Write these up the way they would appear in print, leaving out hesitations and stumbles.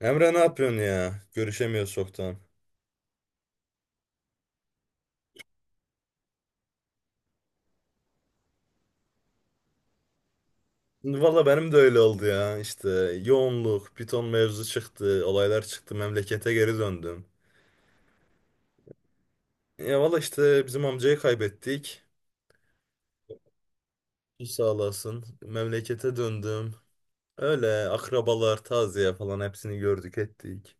Emre ne yapıyorsun ya? Görüşemiyoruz çoktan. Valla benim de öyle oldu ya. İşte yoğunluk, Python mevzu çıktı, olaylar çıktı, memlekete geri döndüm. Ya valla işte bizim amcayı kaybettik. Sağ olasın. Memlekete döndüm. Öyle akrabalar, taziye falan hepsini gördük ettik.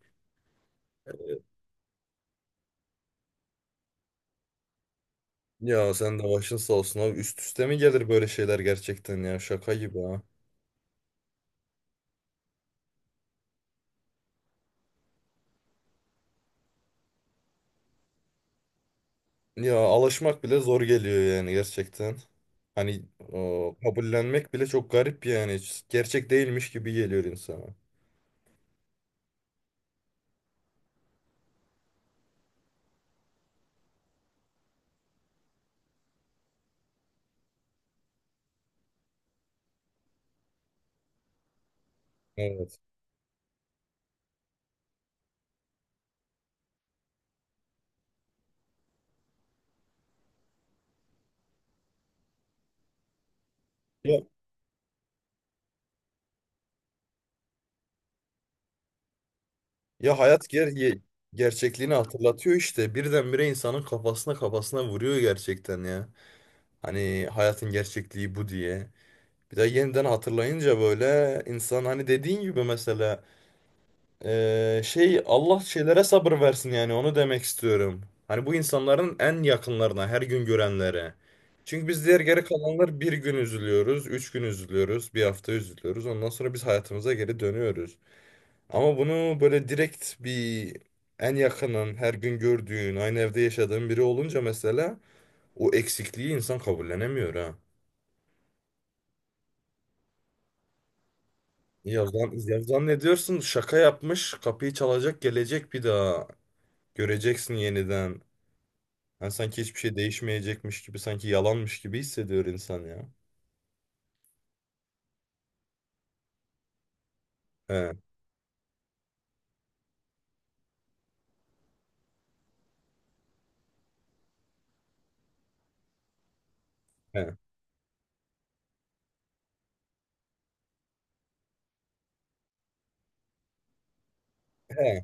Ya sen de başın sağ olsun abi. Üst üste mi gelir böyle şeyler gerçekten ya? Şaka gibi ha. Ya alışmak bile zor geliyor yani gerçekten. Hani o, kabullenmek bile çok garip yani. Hiç gerçek değilmiş gibi geliyor insana. Evet. Ya, ya hayat ger ye- gerçekliğini hatırlatıyor işte. Birdenbire insanın kafasına vuruyor gerçekten ya. Hani hayatın gerçekliği bu diye. Bir de yeniden hatırlayınca böyle insan hani dediğin gibi mesela şey Allah şeylere sabır versin yani onu demek istiyorum. Hani bu insanların en yakınlarına, her gün görenlere. Çünkü biz diğer geri kalanlar bir gün üzülüyoruz, üç gün üzülüyoruz, bir hafta üzülüyoruz. Ondan sonra biz hayatımıza geri dönüyoruz. Ama bunu böyle direkt bir en yakının, her gün gördüğün, aynı evde yaşadığın biri olunca mesela o eksikliği insan kabullenemiyor ha. Ya, ya zannediyorsun şaka yapmış, kapıyı çalacak, gelecek bir daha. Göreceksin yeniden. Yani sanki hiçbir şey değişmeyecekmiş gibi, sanki yalanmış gibi hissediyor insan ya. He, he, he.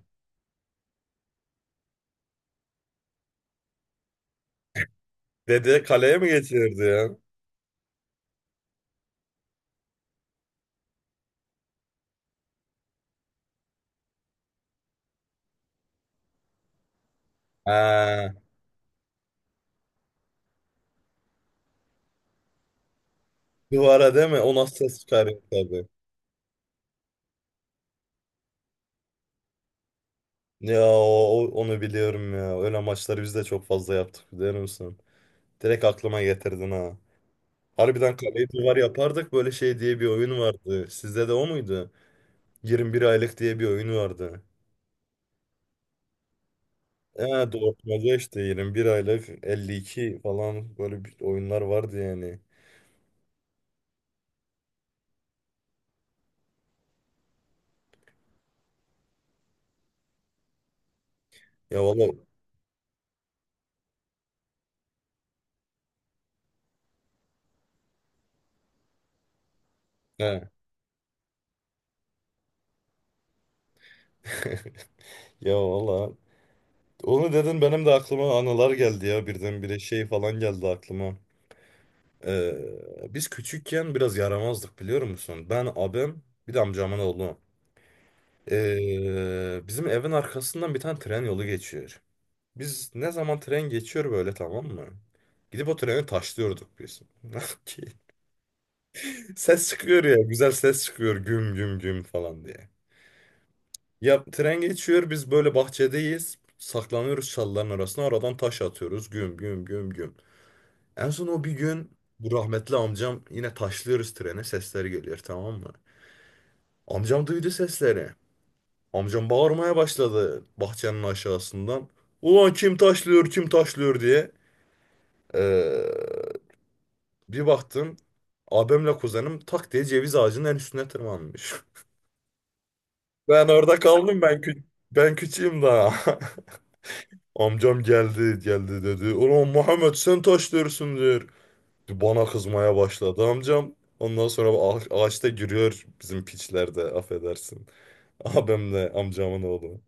Dede kaleye mi getirirdi ya? Ha, duvara değil mi? O nasıl ses çıkarıyor tabii. Ya o, onu biliyorum ya. Öyle maçları biz de çok fazla yaptık biliyor musun? Direkt aklıma getirdin ha. Harbiden kaleyi duvar yapardık böyle şey diye bir oyun vardı. Sizde de o muydu? 21 aylık diye bir oyun vardı. Ee, doğurtmaca işte 21 aylık 52 falan böyle bir oyunlar vardı yani. Ya valla he. Ya valla. Onu dedin benim de aklıma anılar geldi ya birdenbire şey falan geldi aklıma. Biz küçükken biraz yaramazdık biliyor musun? Ben abim bir de amcamın oğlu. Bizim evin arkasından bir tane tren yolu geçiyor. Biz ne zaman tren geçiyor böyle tamam mı? Gidip o treni taşlıyorduk biz. Ses çıkıyor ya güzel ses çıkıyor güm güm güm falan diye. Ya tren geçiyor biz böyle bahçedeyiz. Saklanıyoruz çalıların arasına. Aradan taş atıyoruz. Güm güm güm güm. En son o bir gün bu rahmetli amcam yine taşlıyoruz trene. Sesleri geliyor tamam mı? Amcam duydu sesleri. Amcam bağırmaya başladı bahçenin aşağısından. Ulan kim taşlıyor kim taşlıyor diye. Ee, bir baktım abimle kuzenim tak diye ceviz ağacının en üstüne tırmanmış. Ben orada kaldım ben ben küçüğüm daha. Amcam geldi geldi dedi. Ulan Muhammed sen taş diyorsun diyor. Bana kızmaya başladı amcam. Ondan sonra ağaçta giriyor bizim piçlerde affedersin. Abimle amcamın oğlu.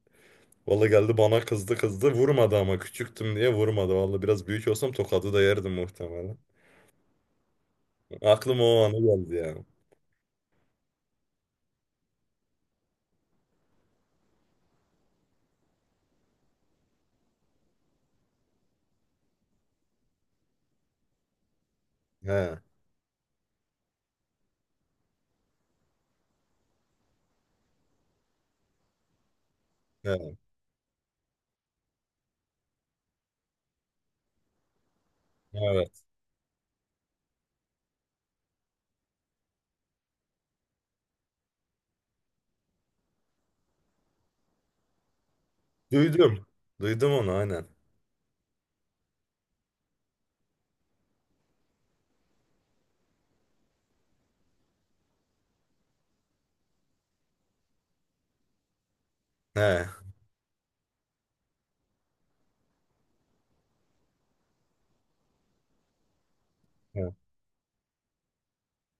Valla geldi bana kızdı kızdı vurmadı ama küçüktüm diye vurmadı. Valla biraz büyük olsam tokadı da yerdim muhtemelen. Aklıma o anı geldi yani. He, he, evet. Duydum. Duydum onu aynen. He, he.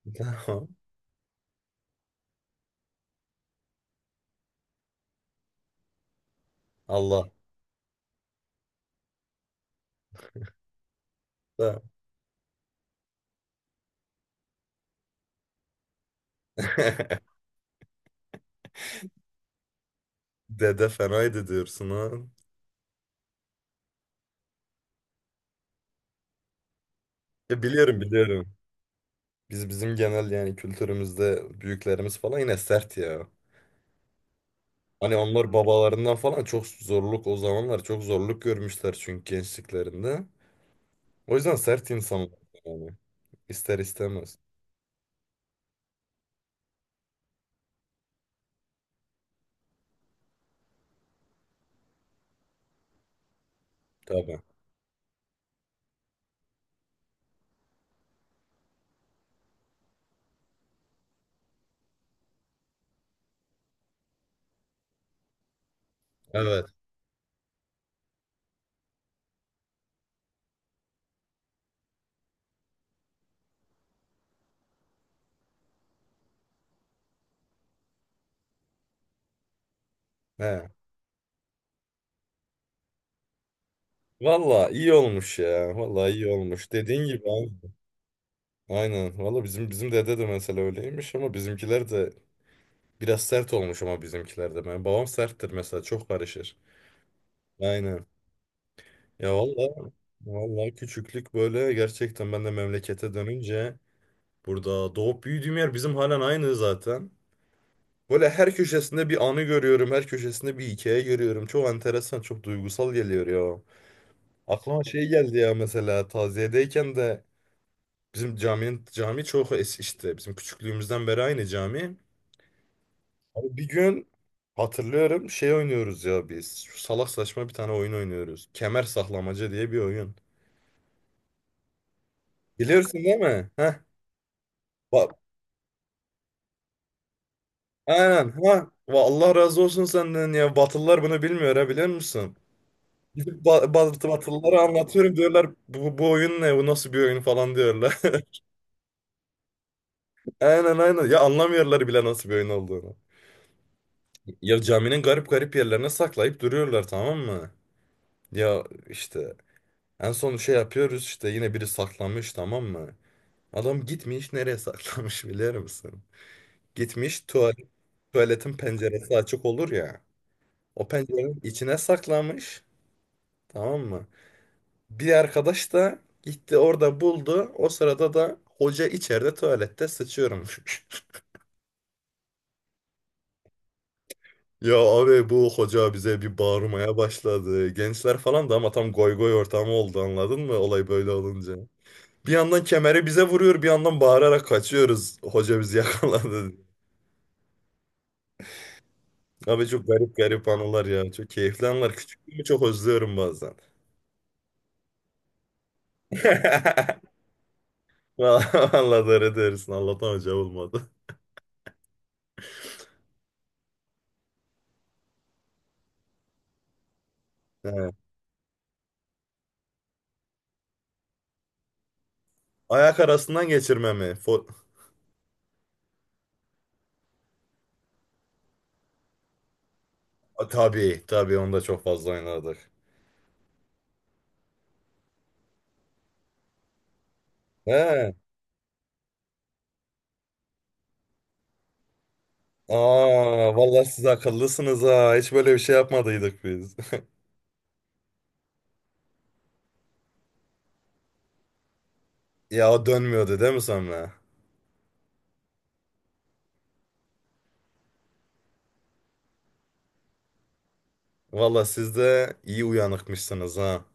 Tamam. Allah. Tamam. Dede fenaydı diyorsun ha. Ya biliyorum. Bizim genel yani kültürümüzde büyüklerimiz falan yine sert ya. Hani onlar babalarından falan çok zorluk o zamanlar çok zorluk görmüşler çünkü gençliklerinde. O yüzden sert insanlar yani. İster istemez. Tabii. Evet. He. Valla iyi olmuş ya. Valla iyi olmuş. Dediğin gibi abi. Aynen. Valla bizim dede de mesela öyleymiş ama bizimkiler de biraz sert olmuş ama bizimkiler de. Benim babam serttir mesela çok karışır. Aynen. Ya valla küçüklük böyle gerçekten ben de memlekete dönünce burada doğup büyüdüğüm yer bizim halen aynı zaten. Böyle her köşesinde bir anı görüyorum, her köşesinde bir hikaye görüyorum. Çok enteresan, çok duygusal geliyor ya. Aklıma şey geldi ya mesela taziyedeyken de bizim caminin cami çok işte bizim küçüklüğümüzden beri aynı cami. Abi bir gün hatırlıyorum şey oynuyoruz ya biz. Şu salak saçma bir tane oyun oynuyoruz. Kemer saklamaca diye bir oyun. Biliyorsun değil mi? Heh. Ba- Aynen ha. Allah razı olsun senden ya. Batılılar bunu bilmiyor ha biliyor musun? Gidip ba bat Batılılara anlatıyorum diyorlar bu oyun ne bu nasıl bir oyun falan diyorlar. Aynen aynen ya anlamıyorlar bile nasıl bir oyun olduğunu. Ya caminin garip garip yerlerine saklayıp duruyorlar tamam mı? Ya işte en son şey yapıyoruz işte yine biri saklamış tamam mı? Adam gitmiş nereye saklamış biliyor musun? Gitmiş tuvaletin penceresi açık olur ya. O pencerenin içine saklamış tamam mı? Bir arkadaş da gitti orada buldu. O sırada da hoca içeride tuvalette sıçıyormuş. Ya abi bu hoca bize bir bağırmaya başladı. Gençler falan da ama tam goy goy ortamı oldu anladın mı olay böyle olunca. Bir yandan kemeri bize vuruyor bir yandan bağırarak kaçıyoruz. Hoca bizi yakaladı. Abi çok garip garip anılar ya. Çok keyifli anılar. Küçüklüğümü çok özlüyorum bazen. Vallahi doğru diyorsun. Allah'tan hoca olmadı. He. Ayak arasından geçirme mi? A, tabii tabii onda çok fazla oynadık. He. Aa vallahi siz akıllısınız ha. Hiç böyle bir şey yapmadıydık biz. Ya o dönmüyordu değil mi sonra? Vallahi siz de iyi uyanıkmışsınız ha.